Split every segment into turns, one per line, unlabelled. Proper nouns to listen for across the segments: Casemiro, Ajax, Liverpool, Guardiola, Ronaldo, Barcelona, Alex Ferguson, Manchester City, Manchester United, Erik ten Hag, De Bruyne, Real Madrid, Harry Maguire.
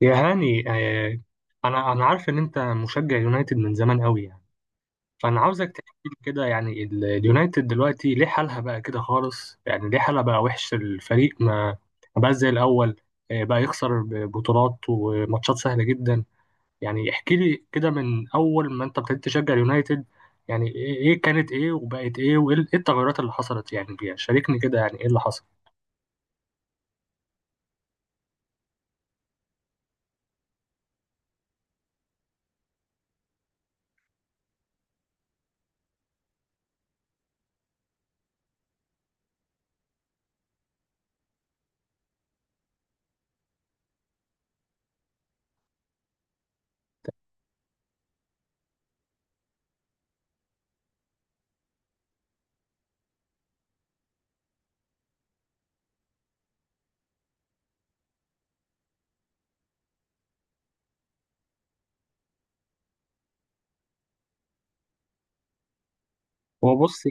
يا هاني آه، انا عارف ان انت مشجع يونايتد من زمان قوي يعني. فانا عاوزك تحكي لي كده، يعني اليونايتد دلوقتي ليه حالها بقى كده خالص؟ يعني ليه حالها بقى وحش؟ الفريق ما بقاش زي الاول، آه، بقى يخسر بطولات وماتشات سهلة جدا. يعني احكي لي كده من اول ما انت ابتديت تشجع اليونايتد، يعني ايه إيه كانت وبقت ايه، وايه إيه التغيرات اللي حصلت يعني فيها؟ شاركني كده يعني ايه اللي حصل. هو بص.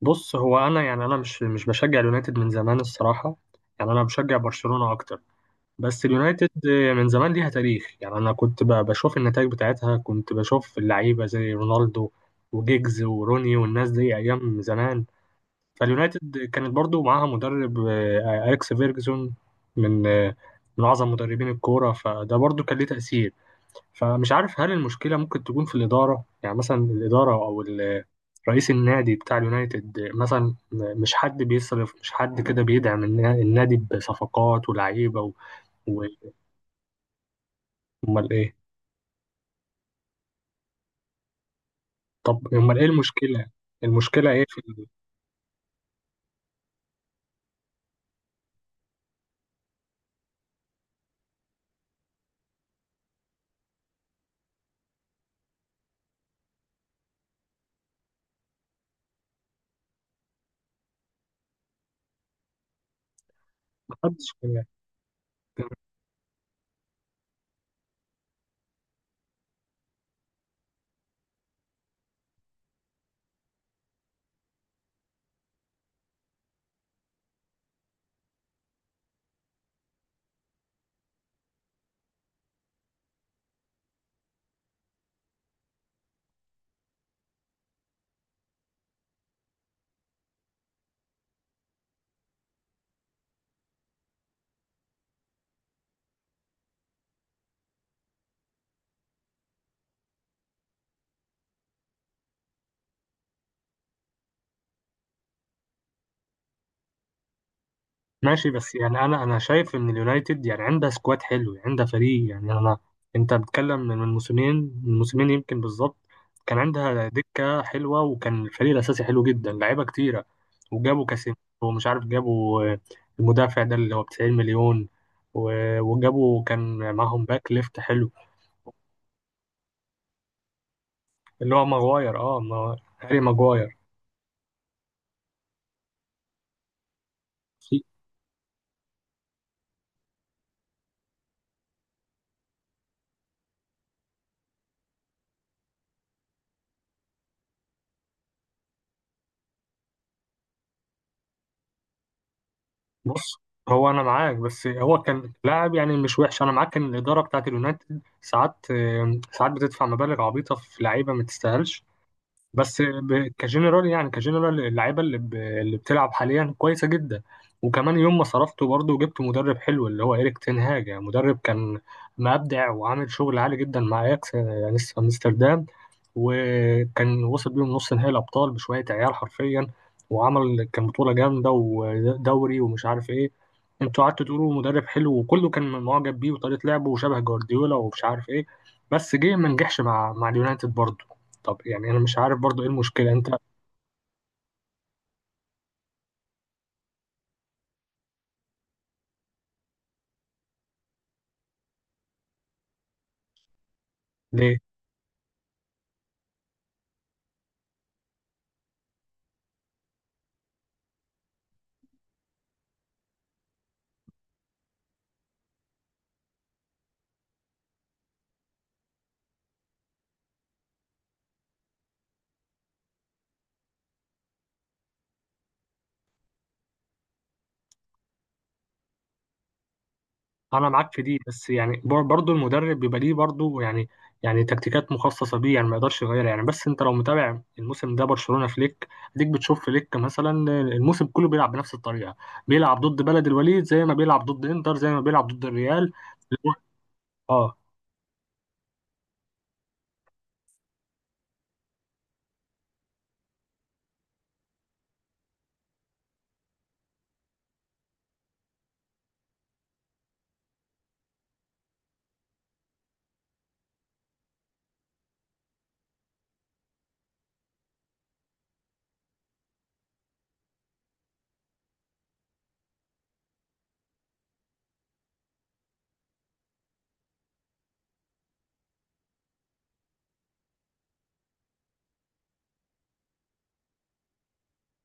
بص، هو انا يعني انا مش بشجع اليونايتد من زمان الصراحه، يعني انا بشجع برشلونه اكتر. بس اليونايتد من زمان ليها تاريخ، يعني انا كنت بشوف النتائج بتاعتها، كنت بشوف اللعيبه زي رونالدو وجيجز وروني والناس دي ايام زمان. فاليونايتد كانت برضو معاها مدرب آه، اليكس فيرجسون، من آه، من اعظم مدربين الكوره، فده برضو كان ليه تاثير. فمش عارف هل المشكلة ممكن تكون في الإدارة؟ يعني مثلا الإدارة أو رئيس النادي بتاع اليونايتد مثلا، مش حد بيصرف، مش حد كده بيدعم النادي بصفقات ولعيبة و- أمال إيه؟ طب أمال إيه المشكلة؟ المشكلة إيه في محدش كده. ماشي، بس يعني انا انا شايف ان اليونايتد يعني عندها سكواد حلو، يعني عندها فريق، يعني انا، انت بتتكلم من موسمين، من موسمين يمكن بالظبط، كان عندها دكة حلوة وكان الفريق الاساسي حلو جدا، لعيبة كتيرة. وجابوا كاسيميرو ومش عارف، جابوا آه، المدافع ده اللي هو ب 90 مليون، وجابوا، كان معاهم باك ليفت حلو، اللي هو ماغواير، اه، هاري ماغواير. بص، هو انا معاك، بس هو كان لاعب يعني مش وحش. انا معاك ان الاداره بتاعت اليونايتد ساعات آه، ساعات بتدفع مبالغ عبيطه في لعيبه ما تستاهلش، بس كجنرال، يعني كجنرال اللعيبه اللي, اللي بتلعب حاليا كويسه جدا. وكمان يوم ما صرفته برضه، وجبت مدرب حلو اللي هو إيريك تين هاج، يعني مدرب كان مبدع وعامل شغل عالي جدا مع اياكس يعني في امستردام، وكان وصل بيهم نص نهائي الابطال بشويه عيال حرفيا، وعمل كان بطوله جامده ودوري ومش عارف ايه. انتوا قعدتوا تقولوا مدرب حلو، وكله كان معجب بيه وطريقه لعبه وشبه جوارديولا ومش عارف ايه، بس جه ما نجحش مع اليونايتد برضه. طب يعني انا مش عارف برضو ايه المشكله، انت ليه؟ انا معاك في دي، بس يعني برضو المدرب بيبقى ليه برضو يعني، يعني تكتيكات مخصصه بيه يعني، ما يقدرش يغيرها يعني. بس انت لو متابع الموسم ده برشلونه فليك، اديك بتشوف فليك مثلا الموسم كله بيلعب بنفس الطريقه، بيلعب ضد بلد الوليد زي ما بيلعب ضد انتر زي ما بيلعب ضد الريال. اه.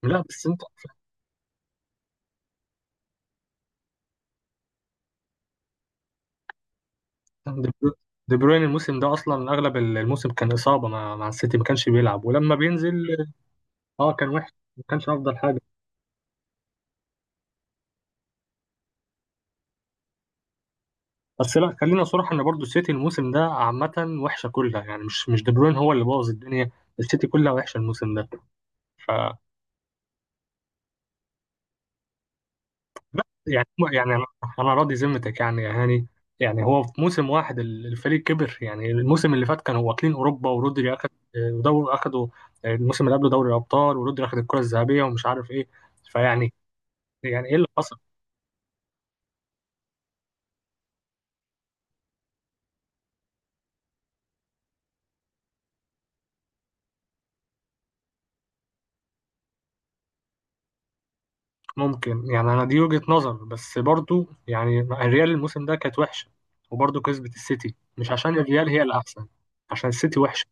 لا بس انت، دي برو- دي بروين الموسم ده اصلا اغلب الموسم كان اصابه مع السيتي، ما كانش بيلعب، ولما بينزل اه كان وحش، ما كانش افضل حاجه. بس لا، خلينا صراحة ان برضو السيتي الموسم ده عامة وحشة كلها، يعني مش دي بروين هو اللي بوظ الدنيا، السيتي كلها وحشة الموسم ده. ف، لا يعني، يعني انا، أنا راضي ذمتك يعني يا هاني، يعني هو في موسم واحد الفريق كبر؟ يعني الموسم اللي فات كانوا واكلين اوروبا، ورودري اخد دوري، اخدوا آه، الموسم اللي قبله دوري الابطال، ورودري اخد الكرة الذهبية ومش عارف ايه. فيعني، يعني ايه اللي حصل؟ ممكن يعني، انا دي وجهة نظر، بس برضو يعني الريال الموسم ده كانت وحشة، وبرضو كسبت السيتي مش عشان الريال هي الاحسن، عشان السيتي وحشة.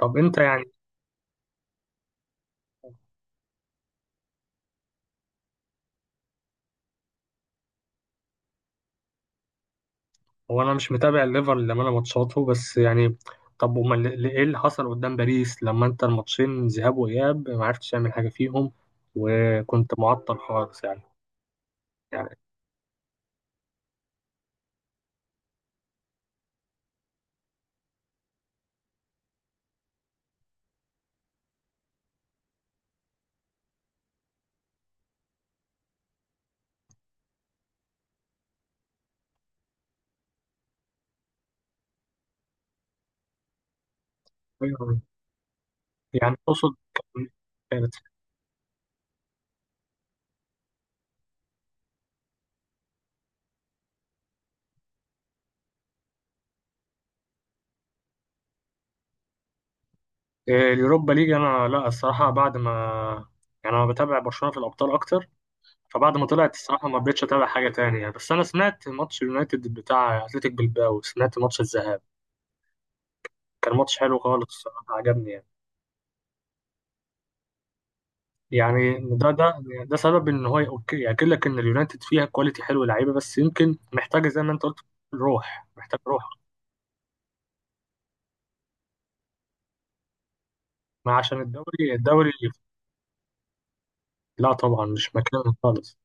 طب انت يعني، هو انا مش متابع الليفر لما انا ماتشاته، بس يعني طب امال ايه اللي حصل قدام باريس لما انت الماتشين ذهاب واياب ما عرفتش تعمل حاجة فيهم، وكنت معطل خالص يعني؟ يعني، يعني تقصد كانت، آه، اليوروبا ليج، انا لا الصراحة بعد ما، يعني انا بتابع برشلونة في الابطال اكتر، فبعد ما طلعت الصراحة ما رضيتش أتابع حاجة تانية يعني، بس أنا سمعت ماتش اليونايتد بتاع أتلتيك بلباو، سمعت ماتش الذهاب، كان ماتش حلو خالص الصراحة، عجبني يعني. يعني ده سبب إن هو أوكي، يأكد لك إن اليونايتد فيها كواليتي حلو، لعيبة، بس يمكن محتاجة زي ما أنت قلت، روح، محتاج روح. ما عشان الدوري، الدوري لا طبعا مش مكانه خالص.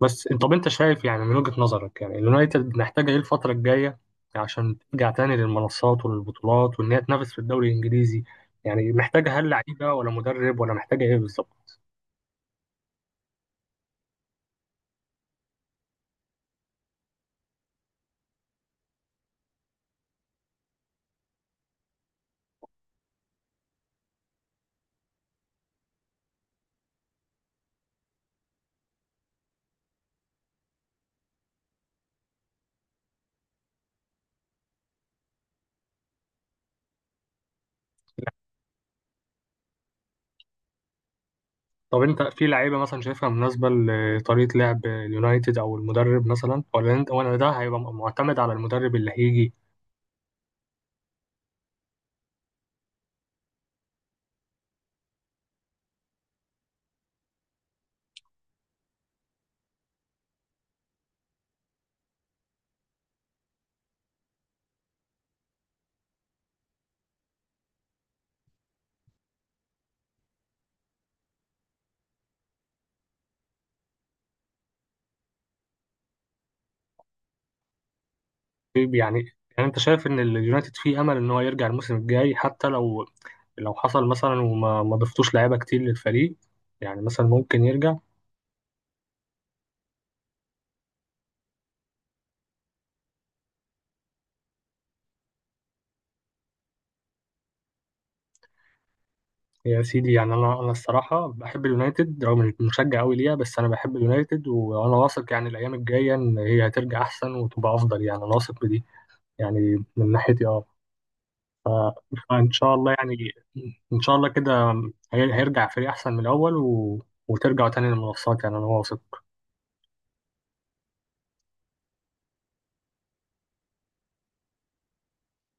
بس انت، طب انت شايف يعني من وجهة نظرك يعني اليونايتد محتاجة ايه الفترة الجاية عشان ترجع تاني للمنصات والبطولات وان هي تنافس في الدوري الانجليزي؟ يعني محتاجة هل لعيبة ولا مدرب، ولا محتاجة ايه بالظبط؟ طب انت في لعيبة مثلا شايفها مناسبة لطريقة لعب اليونايتد او المدرب مثلا، ولا انت، ولا ده هيبقى معتمد على المدرب اللي هيجي؟ طيب يعني، يعني انت شايف ان اليونايتد فيه امل ان هو يرجع الموسم الجاي، حتى لو، لو حصل مثلا وما ما ضفتوش لعيبة كتير للفريق، يعني مثلا ممكن يرجع؟ يا سيدي، يعني انا الصراحه بحب اليونايتد، رغم اني مشجع قوي ليها، بس انا بحب اليونايتد، وانا واثق يعني الايام الجايه ان هي هترجع احسن وتبقى افضل، يعني انا واثق بدي يعني من ناحيتي، اه. فان شاء الله يعني، ان شاء الله كده هيرجع فريق احسن من الاول، وترجع تاني للمنصات، يعني انا واثق.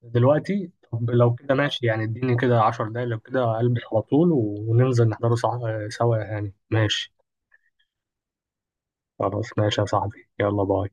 دلوقتي؟ طب لو كده ماشي، يعني اديني كده 10 دقايق لو كده، البس على طول وننزل نحضره صح، سوا يعني، ماشي. خلاص ماشي يا صاحبي، يلا باي.